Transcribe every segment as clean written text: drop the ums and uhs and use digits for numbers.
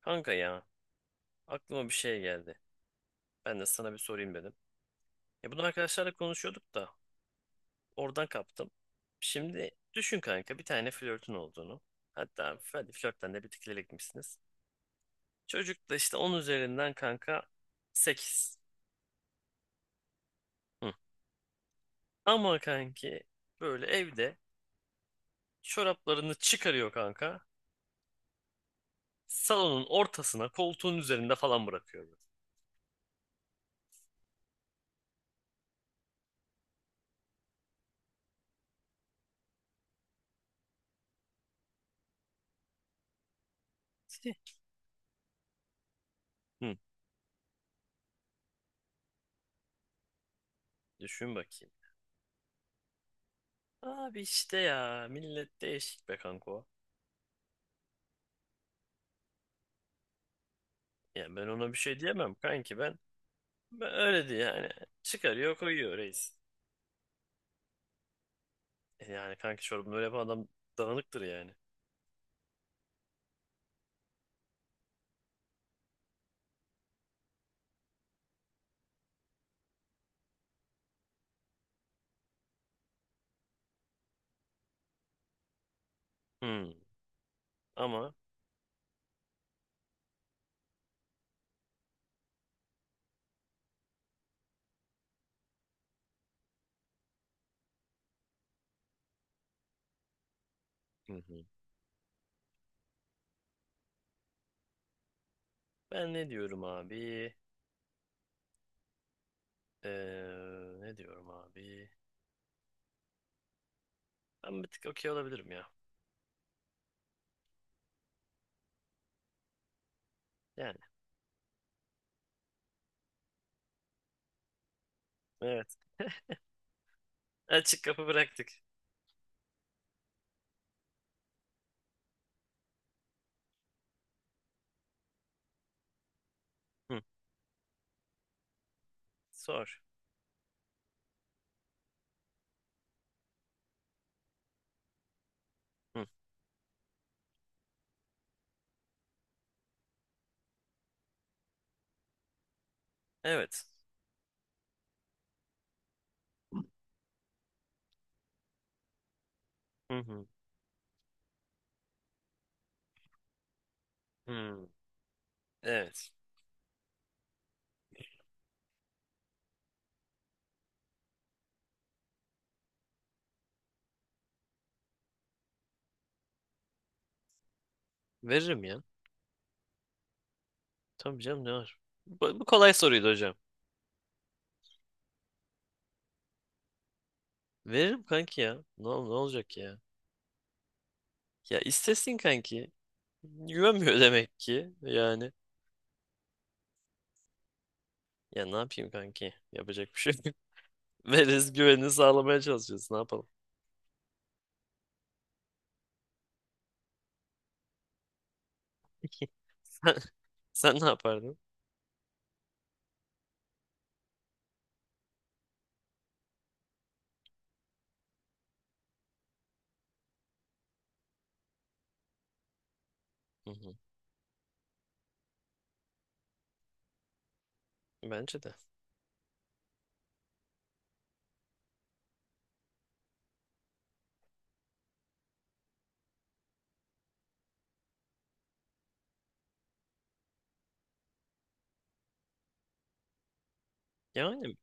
Kanka ya aklıma bir şey geldi. Ben de sana bir sorayım dedim. Ya bunu arkadaşlarla konuşuyorduk da oradan kaptım. Şimdi düşün kanka bir tane flörtün olduğunu. Hatta hadi flörtten de bir tık ileri gitmişsiniz. Çocuk da işte 10 üzerinden kanka 8. Hı. Ama kanki böyle evde çoraplarını çıkarıyor kanka. Salonun ortasına koltuğun üzerinde falan bırakıyor. Böyle. Hı. Düşün bakayım. Abi işte ya millet değişik be kanka. Ya ben ona bir şey diyemem kanki ben. Ben öyle diye yani. Çıkarıyor koyuyor reis. E yani kanki çorabını öyle yapan adam dağınıktır yani. Hmm. Ama. Hı hı. Ben ne diyorum abi? Ee, ne diyorum abi? Ben bir tık okey olabilirim ya. Yani evet. Açık kapı bıraktık. Hı. Sor. Hı. Evet. Hı hı. Hı. Evet. Veririm ya. Tabii canım ne var? Bu kolay soruydu hocam. Veririm kanki ya. Ne olacak ya? Ya istesin kanki. Güvenmiyor demek ki yani. Ya ne yapayım kanki? Yapacak bir şey yok. Veriz güvenini sağlamaya çalışıyoruz. Ne yapalım? Sen, sen ne yapardın? Hı hı. Bence de. Yani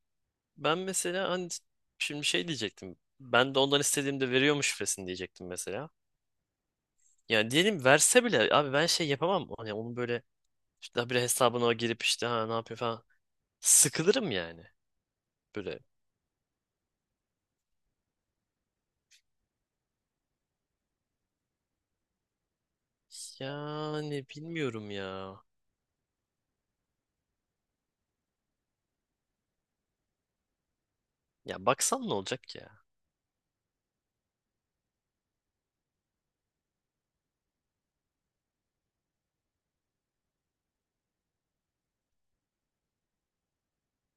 ben mesela hani şimdi şey diyecektim. Ben de ondan istediğimde veriyormuş şifresini diyecektim mesela. Yani diyelim verse bile abi ben şey yapamam. Hani onun böyle işte daha bir hesabına o girip işte ha ne yapıyor falan. Sıkılırım yani. Böyle. Yani bilmiyorum ya. Ya baksan ne olacak ya?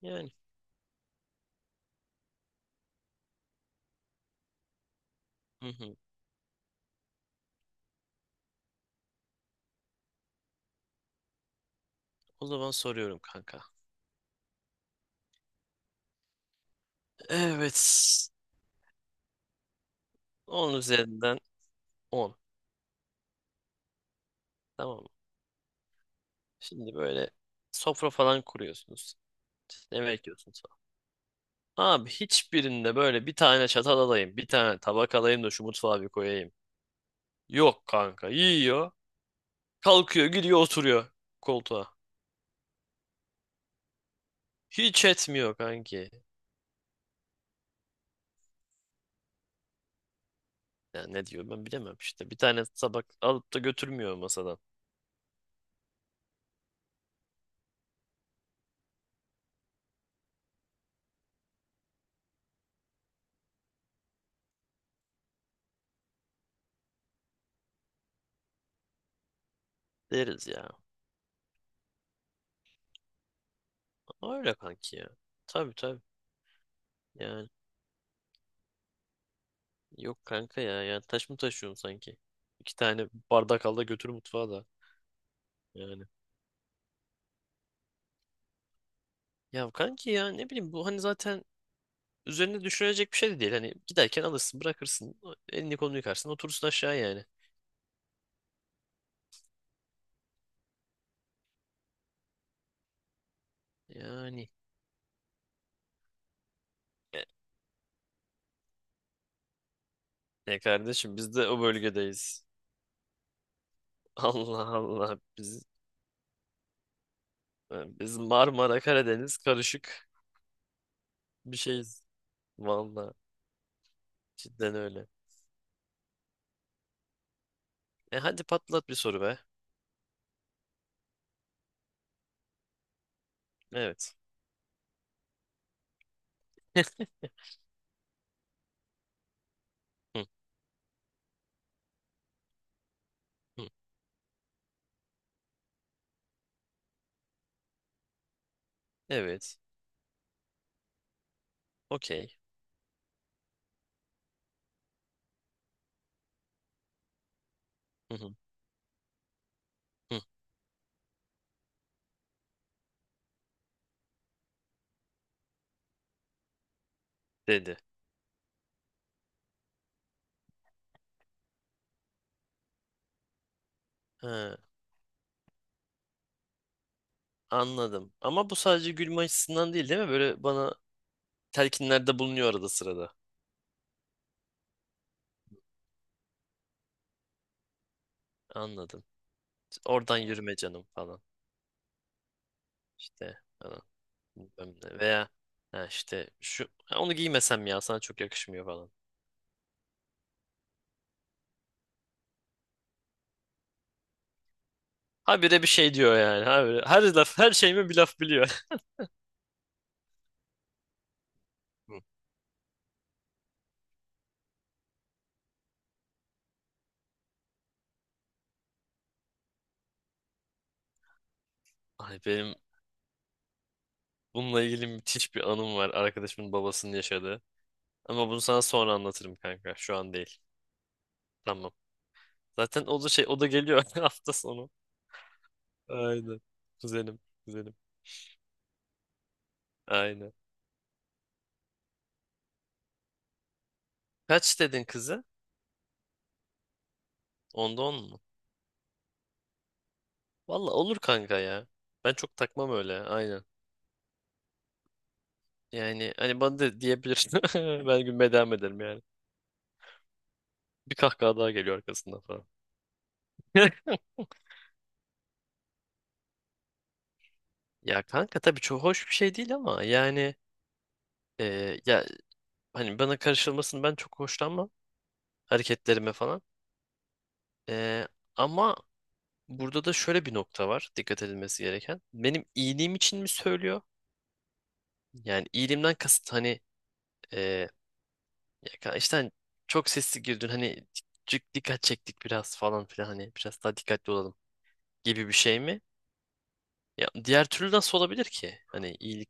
Yani. Hı hı. O zaman soruyorum kanka. Evet. 10 üzerinden 10. Tamam mı? Şimdi böyle sofra falan kuruyorsunuz. İşte ne bekliyorsunuz falan. Abi hiçbirinde böyle bir tane çatal alayım, bir tane tabak alayım da şu mutfağa bir koyayım. Yok kanka. Yiyor. Kalkıyor, gidiyor, oturuyor koltuğa. Hiç etmiyor kanki. Ya ne diyor ben bilemem işte. Bir tane tabak alıp da götürmüyor masadan. Deriz ya. Öyle kanki ya. Tabii tabii. Yani. Yok kanka ya. Yani taş mı taşıyorsun sanki? İki tane bardak al da götür mutfağa da. Yani. Ya kanki ya ne bileyim bu hani zaten üzerine düşünülecek bir şey de değil. Hani giderken alırsın bırakırsın. Elini kolunu yıkarsın oturursun aşağı yani. Yani. E, ne kardeşim biz de o bölgedeyiz. Allah Allah biz Marmara Karadeniz karışık bir şeyiz. Vallahi cidden öyle. E hadi patlat bir soru be. Evet. Hı, hı. Evet. Okey. Hı, hı, hı. Dedi. He, anladım. Ama bu sadece gülme açısından değil değil mi? Böyle bana telkinlerde bulunuyor arada sırada. Anladım. İşte oradan yürüme canım falan. İşte falan. Bilmem ne. Veya ha işte şu, "Ha, onu giymesem ya sana çok yakışmıyor falan." Habire bir şey diyor yani. Habire, her laf her şeyime bir laf biliyor. Hı. Ay benim bununla ilgili müthiş bir anım var. Arkadaşımın babasının yaşadığı. Ama bunu sana sonra anlatırım kanka. Şu an değil. Tamam. Zaten o da geliyor hafta sonu. Aynen. Güzelim. Güzelim. Aynen. Kaç dedin kızı? 10'da 10 mu? Valla olur kanka ya. Ben çok takmam öyle. Aynen. Yani hani bana da diyebilirsin. Ben gülmeye devam ederim yani. Bir kahkaha daha geliyor arkasından falan. Ya kanka tabii çok hoş bir şey değil ama yani ya hani bana karışılmasını ben çok hoşlanmam hareketlerime falan. E, ama burada da şöyle bir nokta var dikkat edilmesi gereken. Benim iyiliğim için mi söylüyor? Yani iyiliğimden kasıt hani e, Ya kanka işte hani çok sesli girdin hani cık dikkat çektik biraz falan filan hani biraz daha dikkatli olalım gibi bir şey mi? Ya diğer türlü nasıl olabilir ki? Hani iyilik.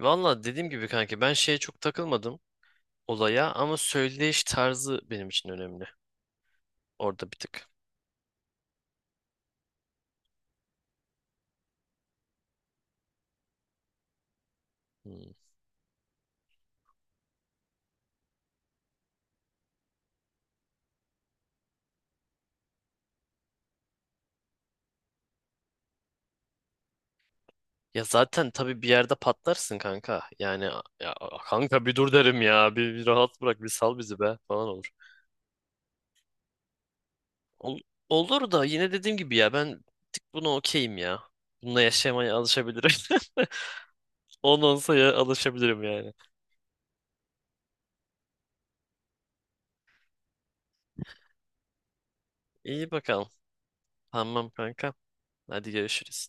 Valla dediğim gibi kanka ben şeye çok takılmadım olaya ama söyleyiş tarzı benim için önemli. Orada bir tık. Hmm. Ya zaten tabii bir yerde patlarsın kanka. Yani ya, kanka bir dur derim ya. Bir rahat bırak bir sal bizi be falan olur. Ol- olur da yine dediğim gibi ya ben bir tık buna okeyim ya. Bununla yaşamaya alışabilirim. 10 olsa alışabilirim yani. İyi bakalım. Tamam kanka. Hadi görüşürüz.